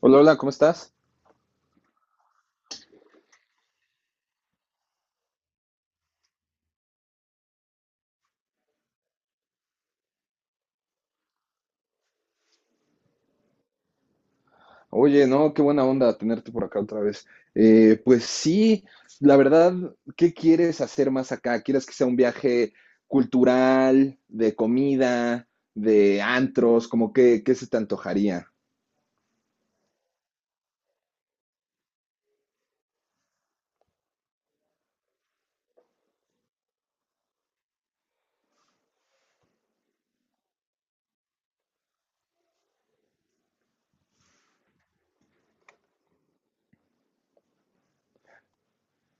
Hola, hola, ¿cómo estás? Oye, no, qué buena onda tenerte por acá otra vez. Pues sí, la verdad, ¿qué quieres hacer más acá? ¿Quieres que sea un viaje cultural, de comida, de antros? ¿Cómo que, qué se te antojaría?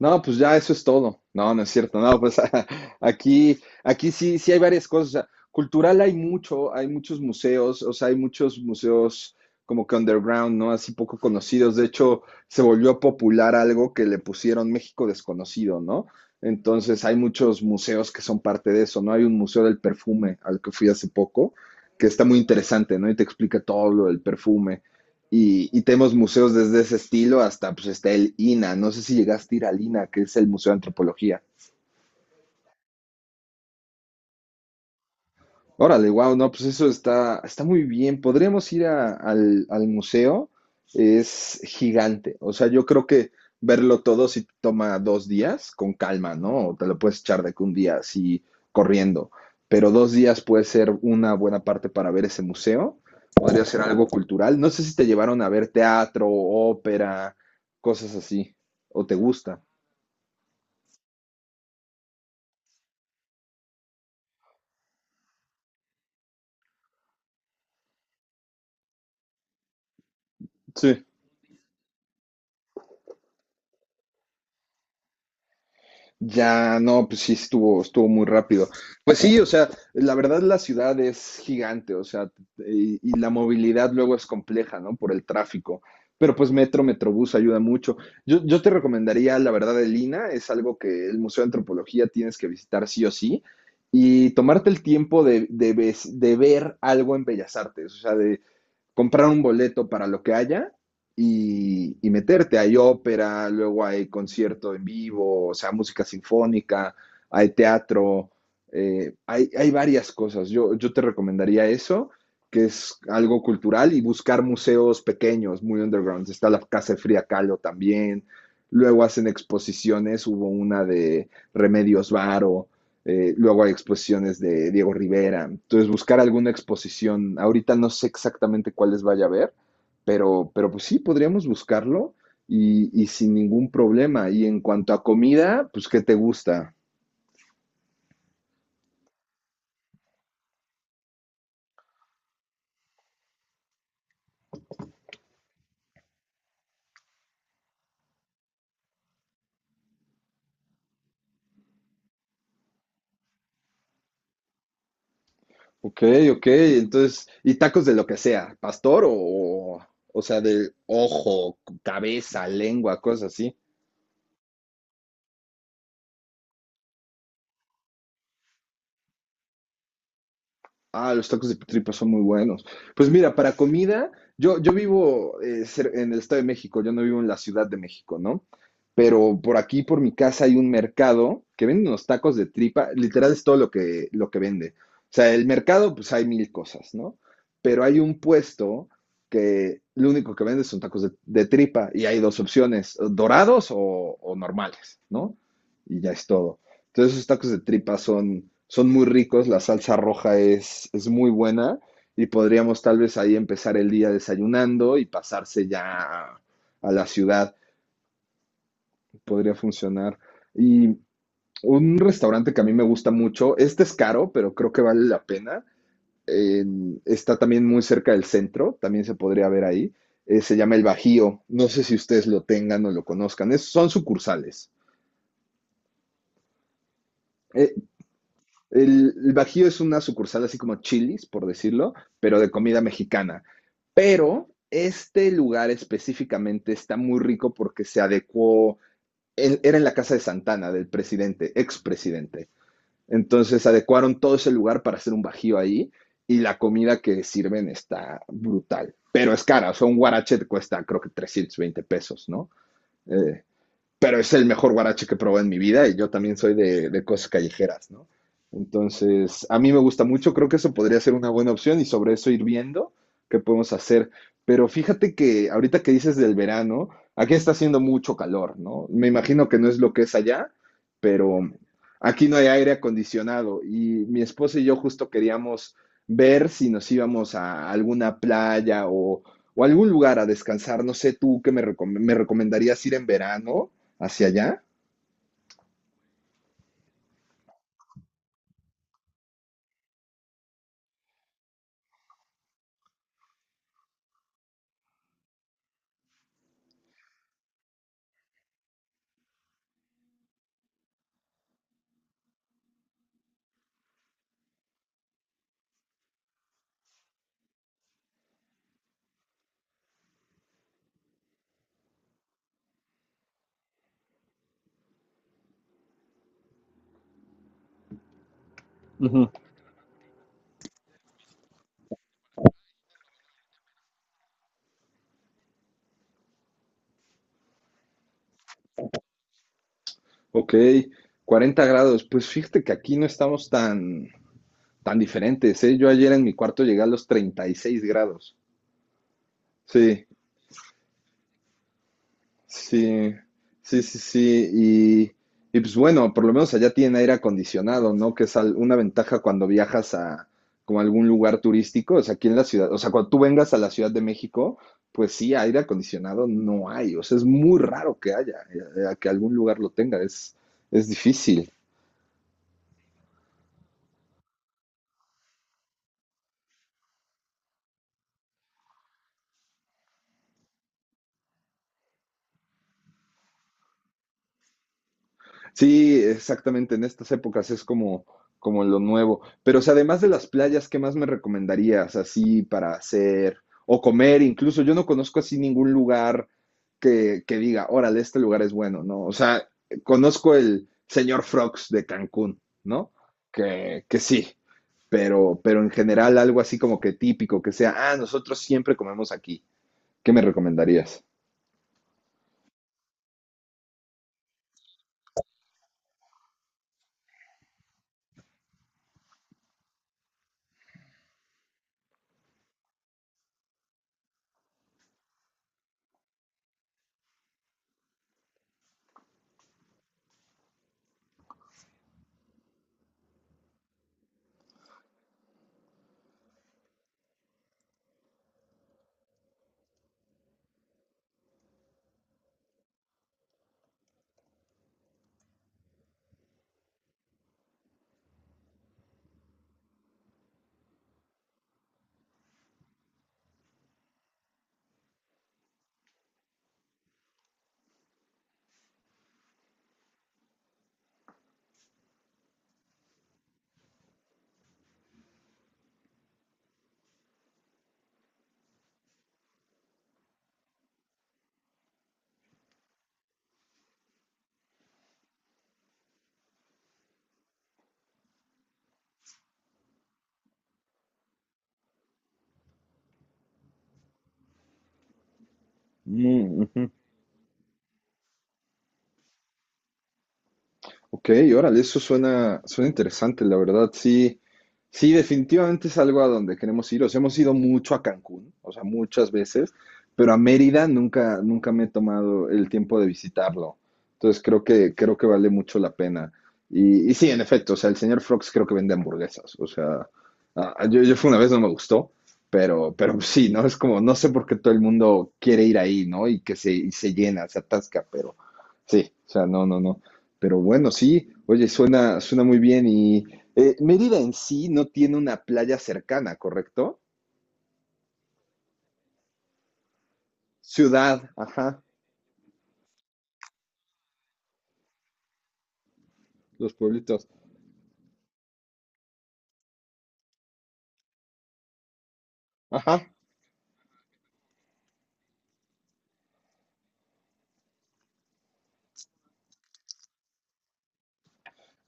No, pues ya eso es todo. No, no es cierto. No, pues aquí, aquí sí hay varias cosas. O sea, cultural hay mucho, hay muchos museos, o sea, hay muchos museos como que underground, ¿no? Así poco conocidos. De hecho, se volvió popular algo que le pusieron México desconocido, ¿no? Entonces hay muchos museos que son parte de eso, ¿no? Hay un museo del perfume al que fui hace poco, que está muy interesante, ¿no? Y te explica todo lo del perfume. Y tenemos museos desde ese estilo hasta, pues está el INA. No sé si llegaste a ir al INA, que es el Museo de Antropología. Órale, wow, no, pues eso está, muy bien. Podríamos ir al museo, es gigante. O sea, yo creo que verlo todo si toma 2 días con calma, ¿no? O te lo puedes echar de que un día así corriendo. Pero dos días puede ser una buena parte para ver ese museo. Podría ser algo cultural. No sé si te llevaron a ver teatro, ópera, cosas así. ¿O te gusta? Ya, no, pues sí, estuvo muy rápido. Pues sí, o sea, la verdad la ciudad es gigante, o sea, y la movilidad luego es compleja, ¿no? Por el tráfico. Pero pues metro, metrobús ayuda mucho. Yo te recomendaría, la verdad, el INAH, es algo que el Museo de Antropología tienes que visitar sí o sí, y tomarte el tiempo de ver algo en Bellas Artes, o sea, comprar un boleto para lo que haya y meterte. Hay ópera, luego hay concierto en vivo, o sea, música sinfónica, hay teatro, hay varias cosas. Yo te recomendaría eso, que es algo cultural, y buscar museos pequeños, muy underground. Está la Casa de Fría Kahlo también. Luego hacen exposiciones, hubo una de Remedios Varo, luego hay exposiciones de Diego Rivera. Entonces, buscar alguna exposición. Ahorita no sé exactamente cuáles vaya a haber, pero, pues sí, podríamos buscarlo y sin ningún problema. Y en cuanto a comida, pues, ¿qué te gusta? Ok, ok. Entonces, y tacos de lo que sea, pastor o sea, de ojo, cabeza, lengua, cosas así. Ah, los tacos de tripa son muy buenos. Pues mira, para comida, yo vivo en el Estado de México, yo no vivo en la Ciudad de México, ¿no? Pero por aquí, por mi casa, hay un mercado que vende unos tacos de tripa, literal es todo lo que vende. O sea, el mercado, pues hay mil cosas, ¿no? Pero hay un puesto que lo único que vende son tacos de tripa y hay dos opciones, dorados o normales, ¿no? Y ya es todo. Entonces esos tacos de tripa son, muy ricos, la salsa roja es muy buena y podríamos tal vez ahí empezar el día desayunando y pasarse ya a la ciudad. Podría funcionar. Y un restaurante que a mí me gusta mucho, este es caro, pero creo que vale la pena. eh, está también muy cerca del centro, también se podría ver ahí. Se llama El Bajío. No sé si ustedes lo tengan o lo conozcan. Son sucursales. E- el Bajío es una sucursal así como Chili's, por decirlo, pero de comida mexicana. Pero este lugar específicamente está muy rico porque se adecuó, era en la casa de Santana, del presidente, expresidente. Entonces adecuaron todo ese lugar para hacer un bajío ahí y la comida que sirven está brutal, pero es cara, o sea, un guarache te cuesta creo que 320 pesos, ¿no? Eh, pero es el mejor guarache que probé en mi vida y yo también soy de, cosas callejeras, ¿no? Entonces, a mí me gusta mucho, creo que eso podría ser una buena opción y sobre eso ir viendo qué podemos hacer. Pero fíjate que ahorita que dices del verano, aquí está haciendo mucho calor, ¿no? Me imagino que no es lo que es allá, pero aquí no hay aire acondicionado y mi esposa y yo justo queríamos ver si nos íbamos a alguna playa o, algún lugar a descansar. No sé, tú qué me recomendarías ir en verano hacia allá. Ujú. Ok, 40 grados. Pues fíjate que aquí no estamos tan diferentes, ¿eh? Yo ayer en mi cuarto llegué a los 36 grados. Sí, sí, sí, sí, sí. Y pues bueno, por lo menos allá tienen aire acondicionado, ¿no? Que es una ventaja cuando viajas a como a algún lugar turístico. O sea, aquí en la ciudad, o sea, cuando tú vengas a la Ciudad de México, pues sí, aire acondicionado no hay. O sea, es muy raro que haya, que algún lugar lo tenga. es, difícil. Sí, exactamente, en estas épocas es como lo nuevo. Pero, o sea, además de las playas, ¿qué más me recomendarías así para hacer o comer? Incluso yo no conozco así ningún lugar que, diga, órale, este lugar es bueno, ¿no? O sea, conozco el señor Frogs de Cancún, ¿no? que, sí, pero en general algo así como que típico, que sea, ah, nosotros siempre comemos aquí. ¿Qué me recomendarías? Mm, ujú. Ok, órale, eso suena interesante, la verdad, sí, sí, definitivamente es algo a donde queremos ir. O sea, hemos ido mucho a Cancún, o sea, muchas veces, pero a Mérida nunca, nunca me he tomado el tiempo de visitarlo. Entonces creo que, vale mucho la pena. Y sí, en efecto, o sea, el señor Frogs creo que vende hamburguesas. O sea, ah, ah, yo, fui una vez, no me gustó, pero sí, ¿no? Es como, no sé por qué todo el mundo quiere ir ahí, ¿no? Y y se llena, se atasca, pero sí, o sea, no, no, no. Pero bueno, sí, oye, suena muy bien. Mérida en sí no tiene una playa cercana, ¿correcto? Ciudad, ajá, los pueblitos, ajá.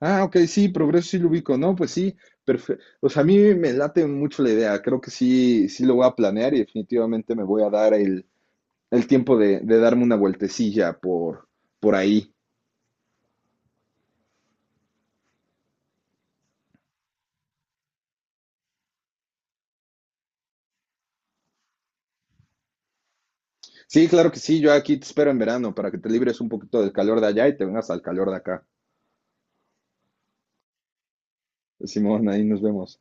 Ah, ok, sí, Progreso sí lo ubico, ¿no? Pues sí, perfecto. O sea, a mí me late mucho la idea, creo que sí, sí lo voy a planear y definitivamente me voy a dar el, tiempo de darme una vueltecilla por ahí. Sí, claro que sí, yo aquí te espero en verano para que te libres un poquito del calor de allá y te vengas al calor de acá. Simón, ahí nos vemos.